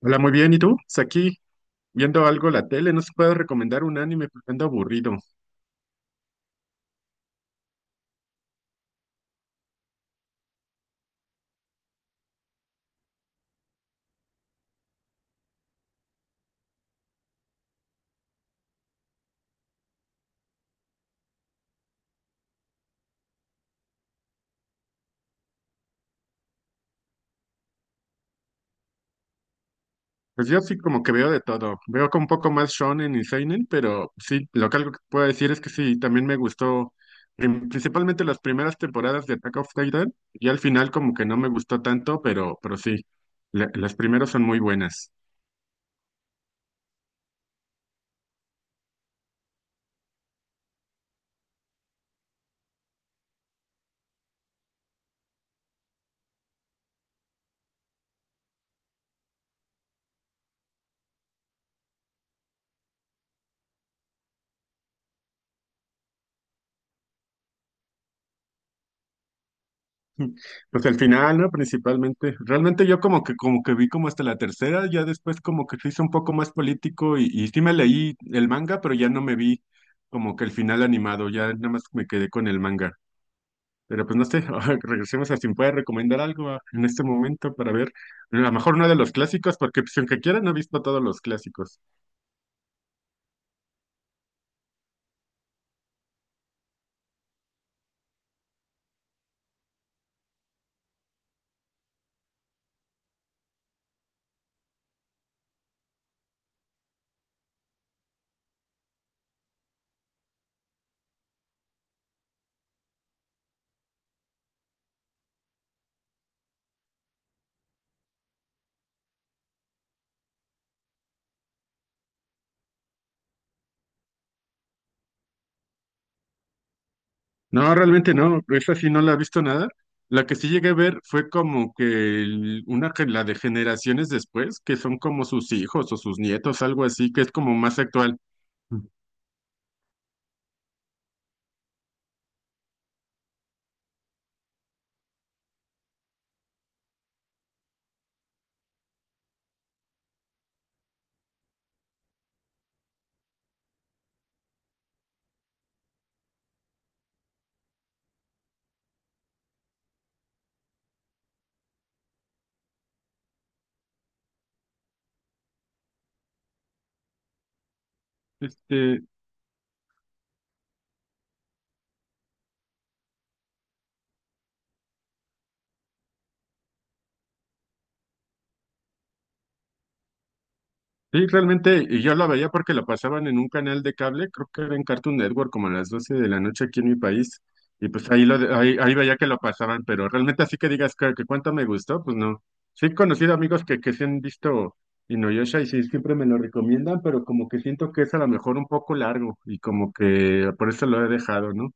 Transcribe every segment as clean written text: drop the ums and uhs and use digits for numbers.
Hola, muy bien. ¿Y tú? Pues aquí viendo algo la tele, no se puede recomendar un anime porque ando aburrido. Pues yo sí como que veo de todo. Veo con un poco más shonen y seinen, pero sí, lo que algo que puedo decir es que sí, también me gustó principalmente las primeras temporadas de Attack of Titan y al final como que no me gustó tanto, pero sí, las primeras son muy buenas. Pues al final, ¿no? Principalmente. Realmente yo como que vi como hasta la tercera, ya después como que se hizo un poco más político y sí me leí el manga, pero ya no me vi como que el final animado, ya nada más me quedé con el manga. Pero pues no sé, ahora regresemos a si me puede recomendar algo en este momento para ver, a lo mejor uno de los clásicos, porque pues aunque quiera no he visto todos los clásicos. No, realmente no, esa sí no la he visto nada. La que sí llegué a ver fue como que una que la de generaciones después, que son como sus hijos o sus nietos, algo así, que es como más actual. Este, sí, realmente, y yo la veía porque la pasaban en un canal de cable, creo que era en Cartoon Network, como a las 12 de la noche aquí en mi país, y pues ahí, ahí veía que lo pasaban, pero realmente así que digas que cuánto me gustó, pues no. Sí he conocido amigos que sí han visto Inuyasha y sí, siempre me lo recomiendan, pero como que siento que es a lo mejor un poco largo y como que por eso lo he dejado, ¿no?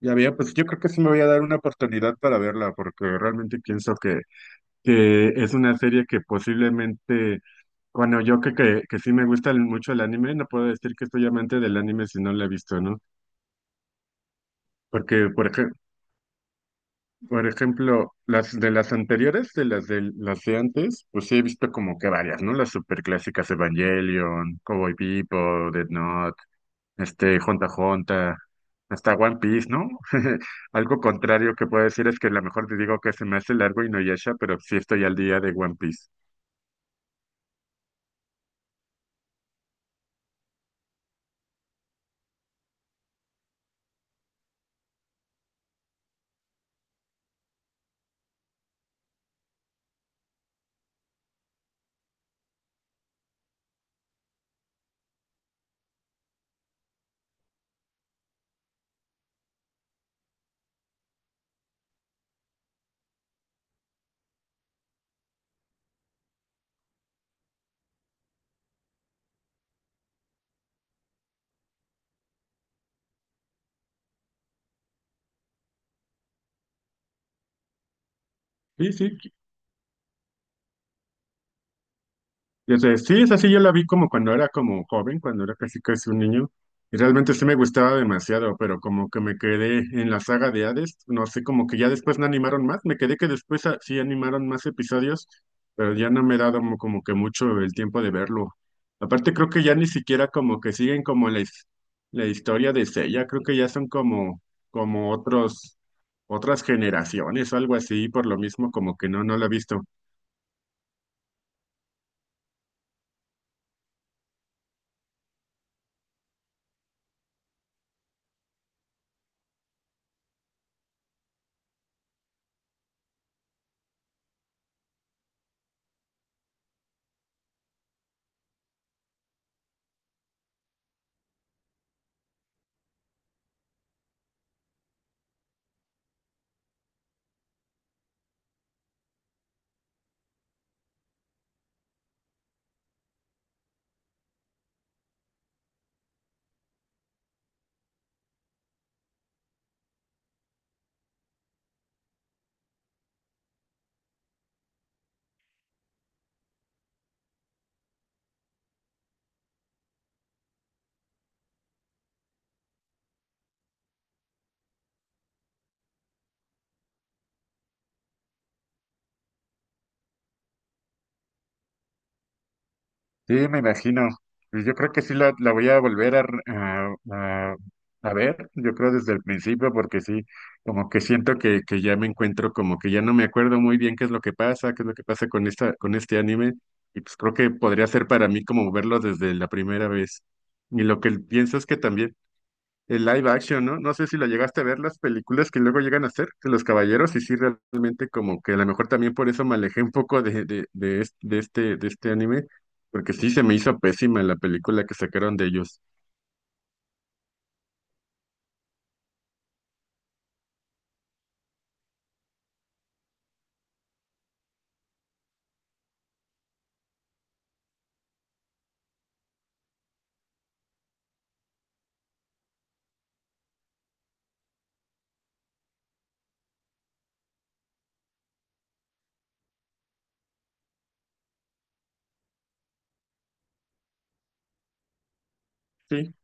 Ya había, pues yo creo que sí me voy a dar una oportunidad para verla, porque realmente pienso que es una serie que posiblemente. Bueno, yo que sí me gusta mucho el anime, no puedo decir que soy amante del anime si no lo he visto, ¿no? Porque, por ejemplo, las de las anteriores, de antes, pues sí he visto como que varias, ¿no? Las superclásicas Evangelion, Cowboy Bebop, Death Note, este, Honta Honta, hasta One Piece, ¿no? Algo contrario que puedo decir es que a lo mejor te digo que se me hace largo y no Inuyasha, pero sí estoy al día de One Piece. Sí, sí, y es sí, es así, yo la vi como cuando era como joven, cuando era casi casi un niño, y realmente sí me gustaba demasiado, pero como que me quedé en la saga de Hades, no sé, como que ya después no animaron más, me quedé que después ah, sí animaron más episodios, pero ya no me he dado como que mucho el tiempo de verlo. Aparte creo que ya ni siquiera como que siguen como la historia de Seiya, creo que ya son como, como otros, otras generaciones o algo así, por lo mismo como que no, no la he visto. Sí, me imagino. Pues yo creo que sí la voy a volver a, re- a ver, yo creo desde el principio, porque sí, como que siento que ya me encuentro, como que ya no me acuerdo muy bien qué es lo que pasa, qué es lo que pasa con con este anime, y pues creo que podría ser para mí como verlo desde la primera vez. Y lo que pienso es que también el live action, ¿no? No sé si lo llegaste a ver las películas que luego llegan a hacer de los caballeros y sí realmente como que a lo mejor también por eso me alejé un poco de este anime, porque sí se me hizo pésima la película que sacaron de ellos. Sí,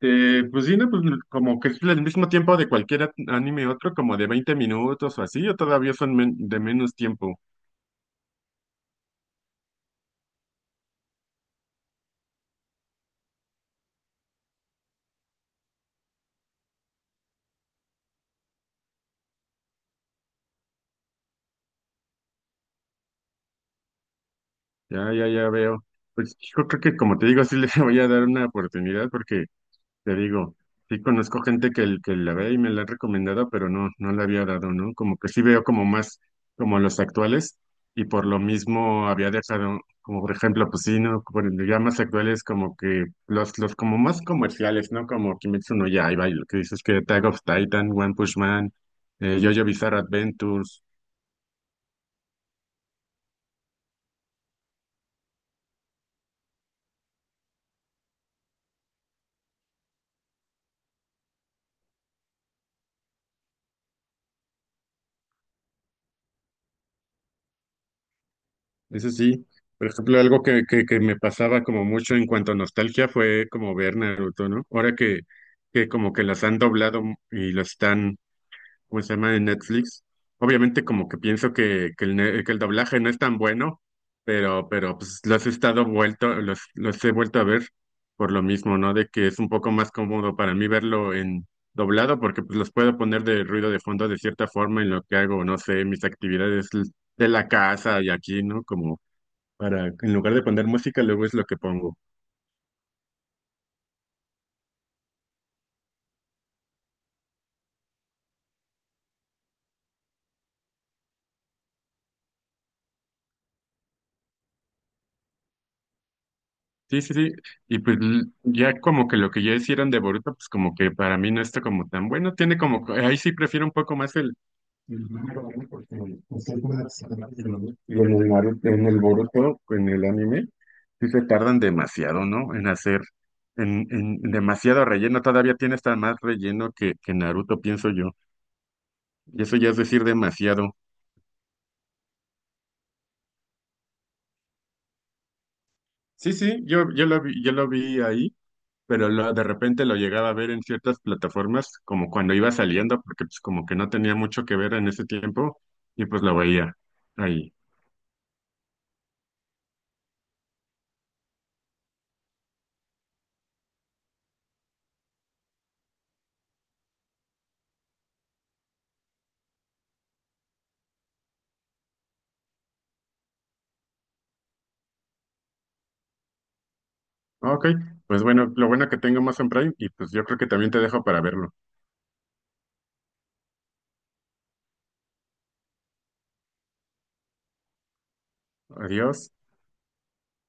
pues sí, no, pues como que es el mismo tiempo de cualquier anime otro, como de 20 minutos o así, o todavía son de menos tiempo. Ya, ya, ya veo. Pues yo creo que como te digo, sí le voy a dar una oportunidad porque… Te digo, sí conozco gente que la ve y me la ha recomendado, pero no, no la había dado, ¿no? Como que sí veo como más como los actuales y por lo mismo había dejado, como por ejemplo, pues sí, ¿no? Ya más actuales como que los como más comerciales, ¿no? Como Kimetsu no Yaiba y lo que dices que Tag of Titan, One Punch Man, JoJo Bizarre Adventures. Eso sí, por ejemplo, algo que me pasaba como mucho en cuanto a nostalgia fue como ver Naruto, ¿no? Ahora que como que las han doblado y lo están, ¿cómo se llama? En Netflix. Obviamente como que pienso que el doblaje no es tan bueno, pero pues los he estado vuelto, los he vuelto a ver por lo mismo, ¿no? De que es un poco más cómodo para mí verlo en doblado porque pues los puedo poner de ruido de fondo de cierta forma en lo que hago, no sé, mis actividades de la casa y aquí, ¿no? Como para, en lugar de poner música, luego es lo que pongo. Sí, sí, sí. Y pues ya como que lo que ya hicieron de Boruto, pues como que para mí no está como tan bueno. Tiene como, ahí sí prefiero un poco más el… el manga, ¿no? Porque, pues, es una… Y en el Naruto, en el Boruto, en el anime, sí se tardan demasiado, ¿no? En hacer, en demasiado relleno. Todavía tiene hasta más relleno que Naruto, pienso yo. Y eso ya es decir demasiado. Sí, sí, yo lo vi ahí. Pero de repente lo llegaba a ver en ciertas plataformas, como cuando iba saliendo, porque pues como que no tenía mucho que ver en ese tiempo, y pues lo veía ahí. Ok, pues bueno, lo bueno que tengo más en Prime, y pues yo creo que también te dejo para verlo. Adiós.